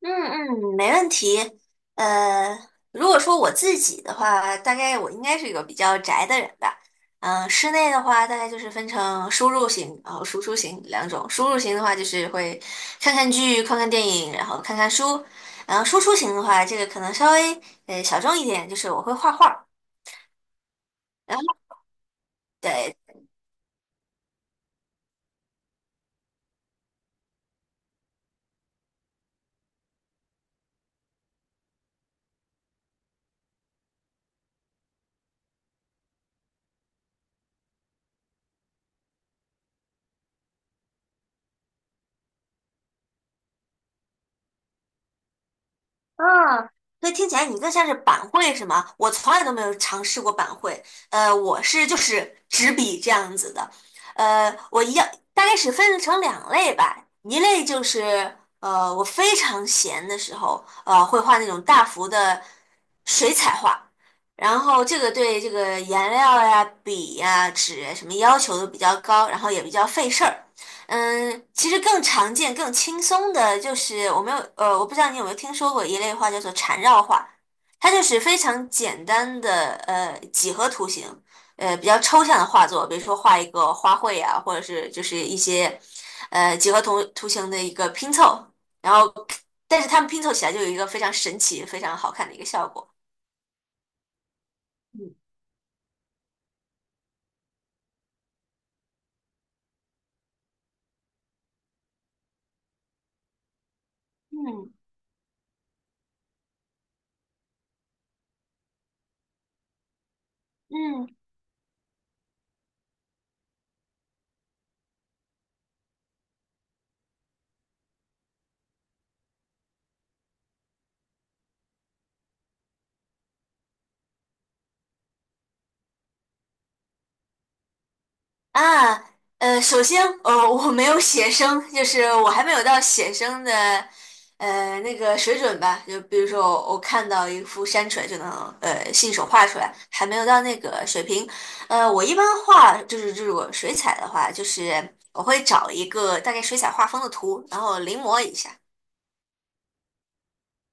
嗯嗯，没问题。呃，如果说我自己的话，大概我应该是一个比较宅的人吧。室内的话，大概就是分成输入型然后输出型两种。输入型的话，就是会看看剧、看看电影，然后看看书。然后输出型的话，这个可能稍微小众一点，就是我会画画。然后。对。嗯，所以听起来你更像是板绘是吗？我从来都没有尝试过板绘，我是就是纸笔这样子的，我一样大概是分成两类吧，一类就是我非常闲的时候，会画那种大幅的水彩画，然后这个对这个颜料呀、笔呀、纸呀什么要求都比较高，然后也比较费事儿。其实更常见、更轻松的就是我没有我不知道你有没有听说过一类画叫做缠绕画，它就是非常简单的几何图形，比较抽象的画作，比如说画一个花卉啊，或者是就是一些几何图形的一个拼凑，然后但是它们拼凑起来就有一个非常神奇、非常好看的一个效果。嗯嗯嗯，啊，首先，我没有写生，就是我还没有到写生的，那个水准吧。就比如说我看到一幅山水就能，信手画出来，还没有到那个水平。我一般画就是这种水彩的话，就是我会找一个大概水彩画风的图，然后临摹一下。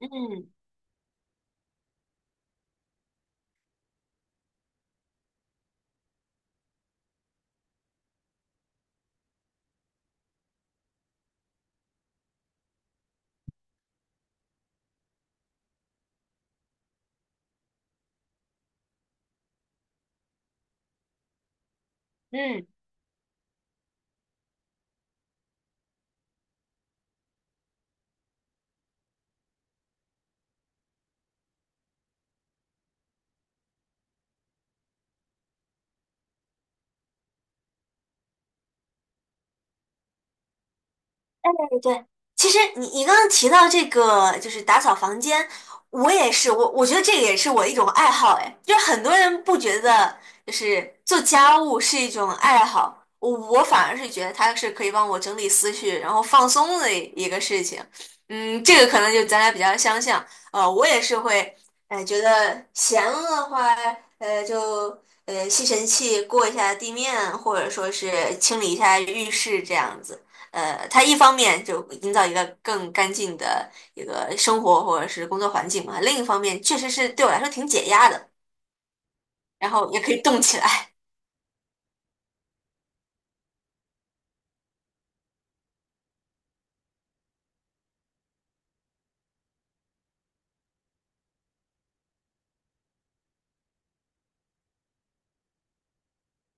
嗯嗯，对对，其实你刚刚提到这个就是打扫房间，我也是，我觉得这个也是我一种爱好，哎，就是很多人不觉得就是做家务是一种爱好，我反而是觉得它是可以帮我整理思绪，然后放松的一个事情。这个可能就咱俩比较相像，我也是会，哎、觉得闲了的话，就吸尘器过一下地面，或者说是清理一下浴室这样子。它一方面就营造一个更干净的一个生活或者是工作环境嘛，另一方面确实是对我来说挺解压的，然后也可以动起来。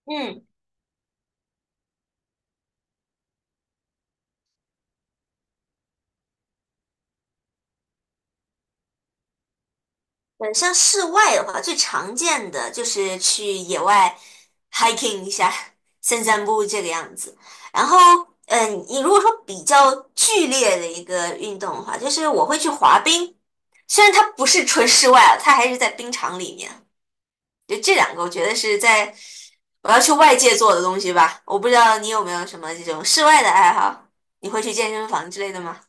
嗯，像室外的话，最常见的就是去野外 hiking 一下，散散步这个样子。然后，你如果说比较剧烈的一个运动的话，就是我会去滑冰，虽然它不是纯室外啊，它还是在冰场里面。就这两个，我觉得是在我要去外界做的东西吧。我不知道你有没有什么这种室外的爱好，你会去健身房之类的吗？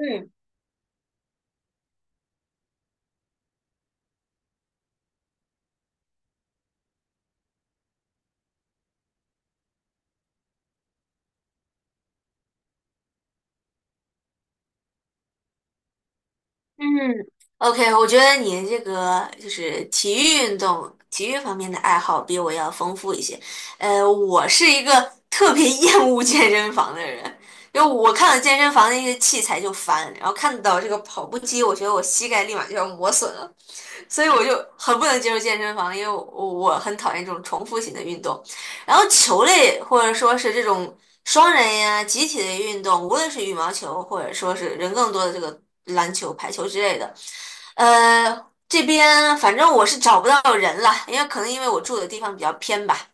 嗯嗯，OK，我觉得你这个就是体育运动、体育方面的爱好比我要丰富一些。我是一个 特别厌恶健身房的人，因为我看到健身房那些器材就烦，然后看到这个跑步机，我觉得我膝盖立马就要磨损了。所以我就很不能接受健身房，因为我很讨厌这种重复型的运动。然后球类或者说是这种双人呀、集体的运动，无论是羽毛球或者说是人更多的这个篮球、排球之类的，这边反正我是找不到人了，因为可能因为我住的地方比较偏吧，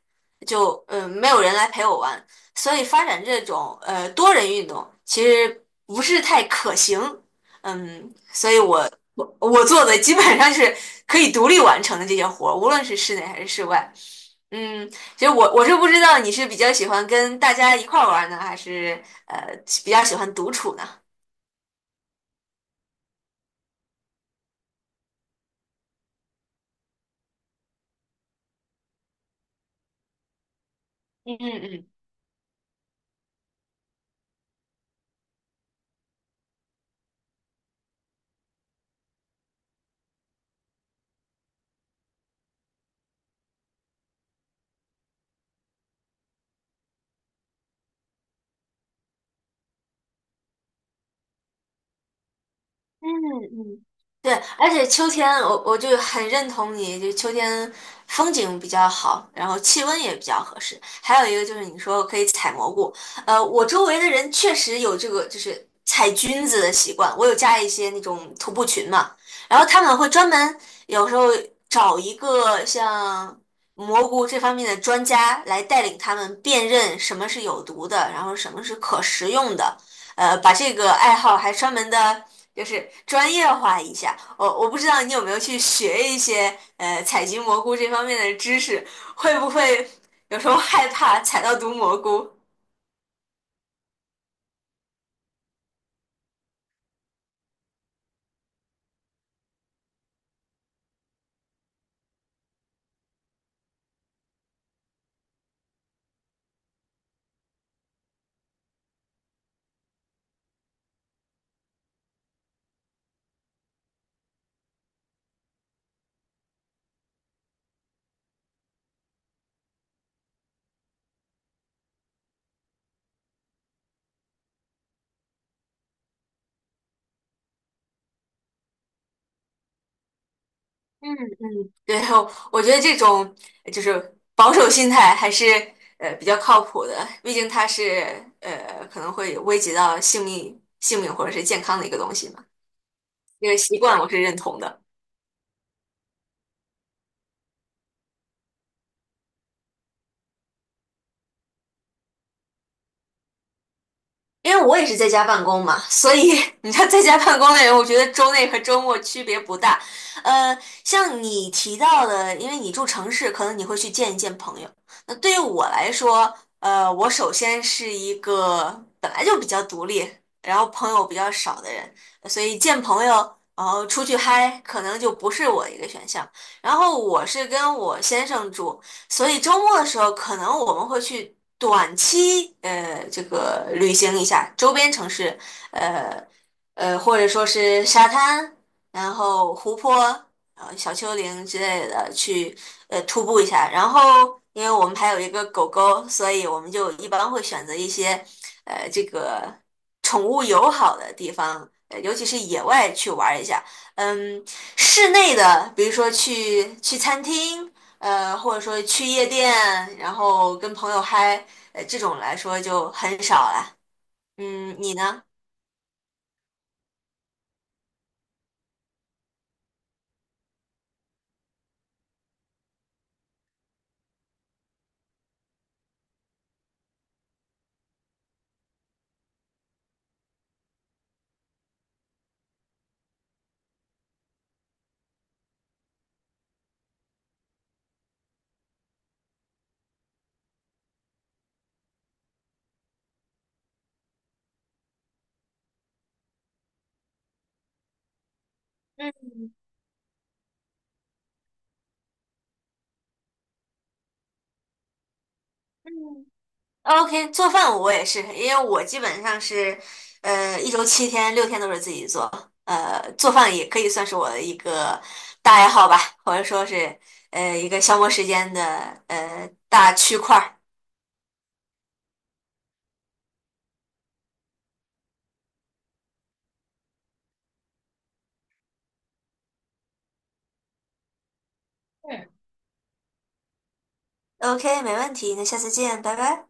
就没有人来陪我玩，所以发展这种多人运动其实不是太可行。所以我做的基本上是可以独立完成的这些活儿，无论是室内还是室外。嗯，其实我是不知道你是比较喜欢跟大家一块儿玩呢，还是呃比较喜欢独处呢？嗯嗯嗯。嗯嗯，对，而且秋天我就很认同你，就秋天风景比较好，然后气温也比较合适。还有一个就是你说可以采蘑菇，我周围的人确实有这个就是采菌子的习惯。我有加一些那种徒步群嘛，然后他们会专门有时候找一个像蘑菇这方面的专家来带领他们辨认什么是有毒的，然后什么是可食用的。把这个爱好还专门的。就是专业化一下。我不知道你有没有去学一些采集蘑菇这方面的知识，会不会有时候害怕采到毒蘑菇？嗯嗯，对，我觉得这种就是保守心态还是比较靠谱的，毕竟它是可能会危及到性命或者是健康的一个东西嘛。这个习惯我是认同的。因为我也是在家办公嘛，所以 你知道在家办公的人，我觉得周内和周末区别不大。呃，像你提到的，因为你住城市，可能你会去见一见朋友。那对于我来说，我首先是一个本来就比较独立，然后朋友比较少的人，所以见朋友，然后出去嗨，可能就不是我一个选项。然后我是跟我先生住。所以周末的时候，可能我们会去短期这个旅行一下周边城市，呃或者说是沙滩，然后湖泊，小丘陵之类的去徒步一下。然后因为我们还有一个狗狗，所以我们就一般会选择一些这个宠物友好的地方，尤其是野外去玩一下。嗯，室内的，比如说去餐厅。或者说去夜店，然后跟朋友嗨，这种来说就很少了。你呢？嗯嗯，OK，做饭我也是，因为我基本上是，一周七天，六天都是自己做，做饭也可以算是我的一个大爱好吧，或者说是，一个消磨时间的，大区块儿。嗯 OK，没问题，那下次见，拜拜。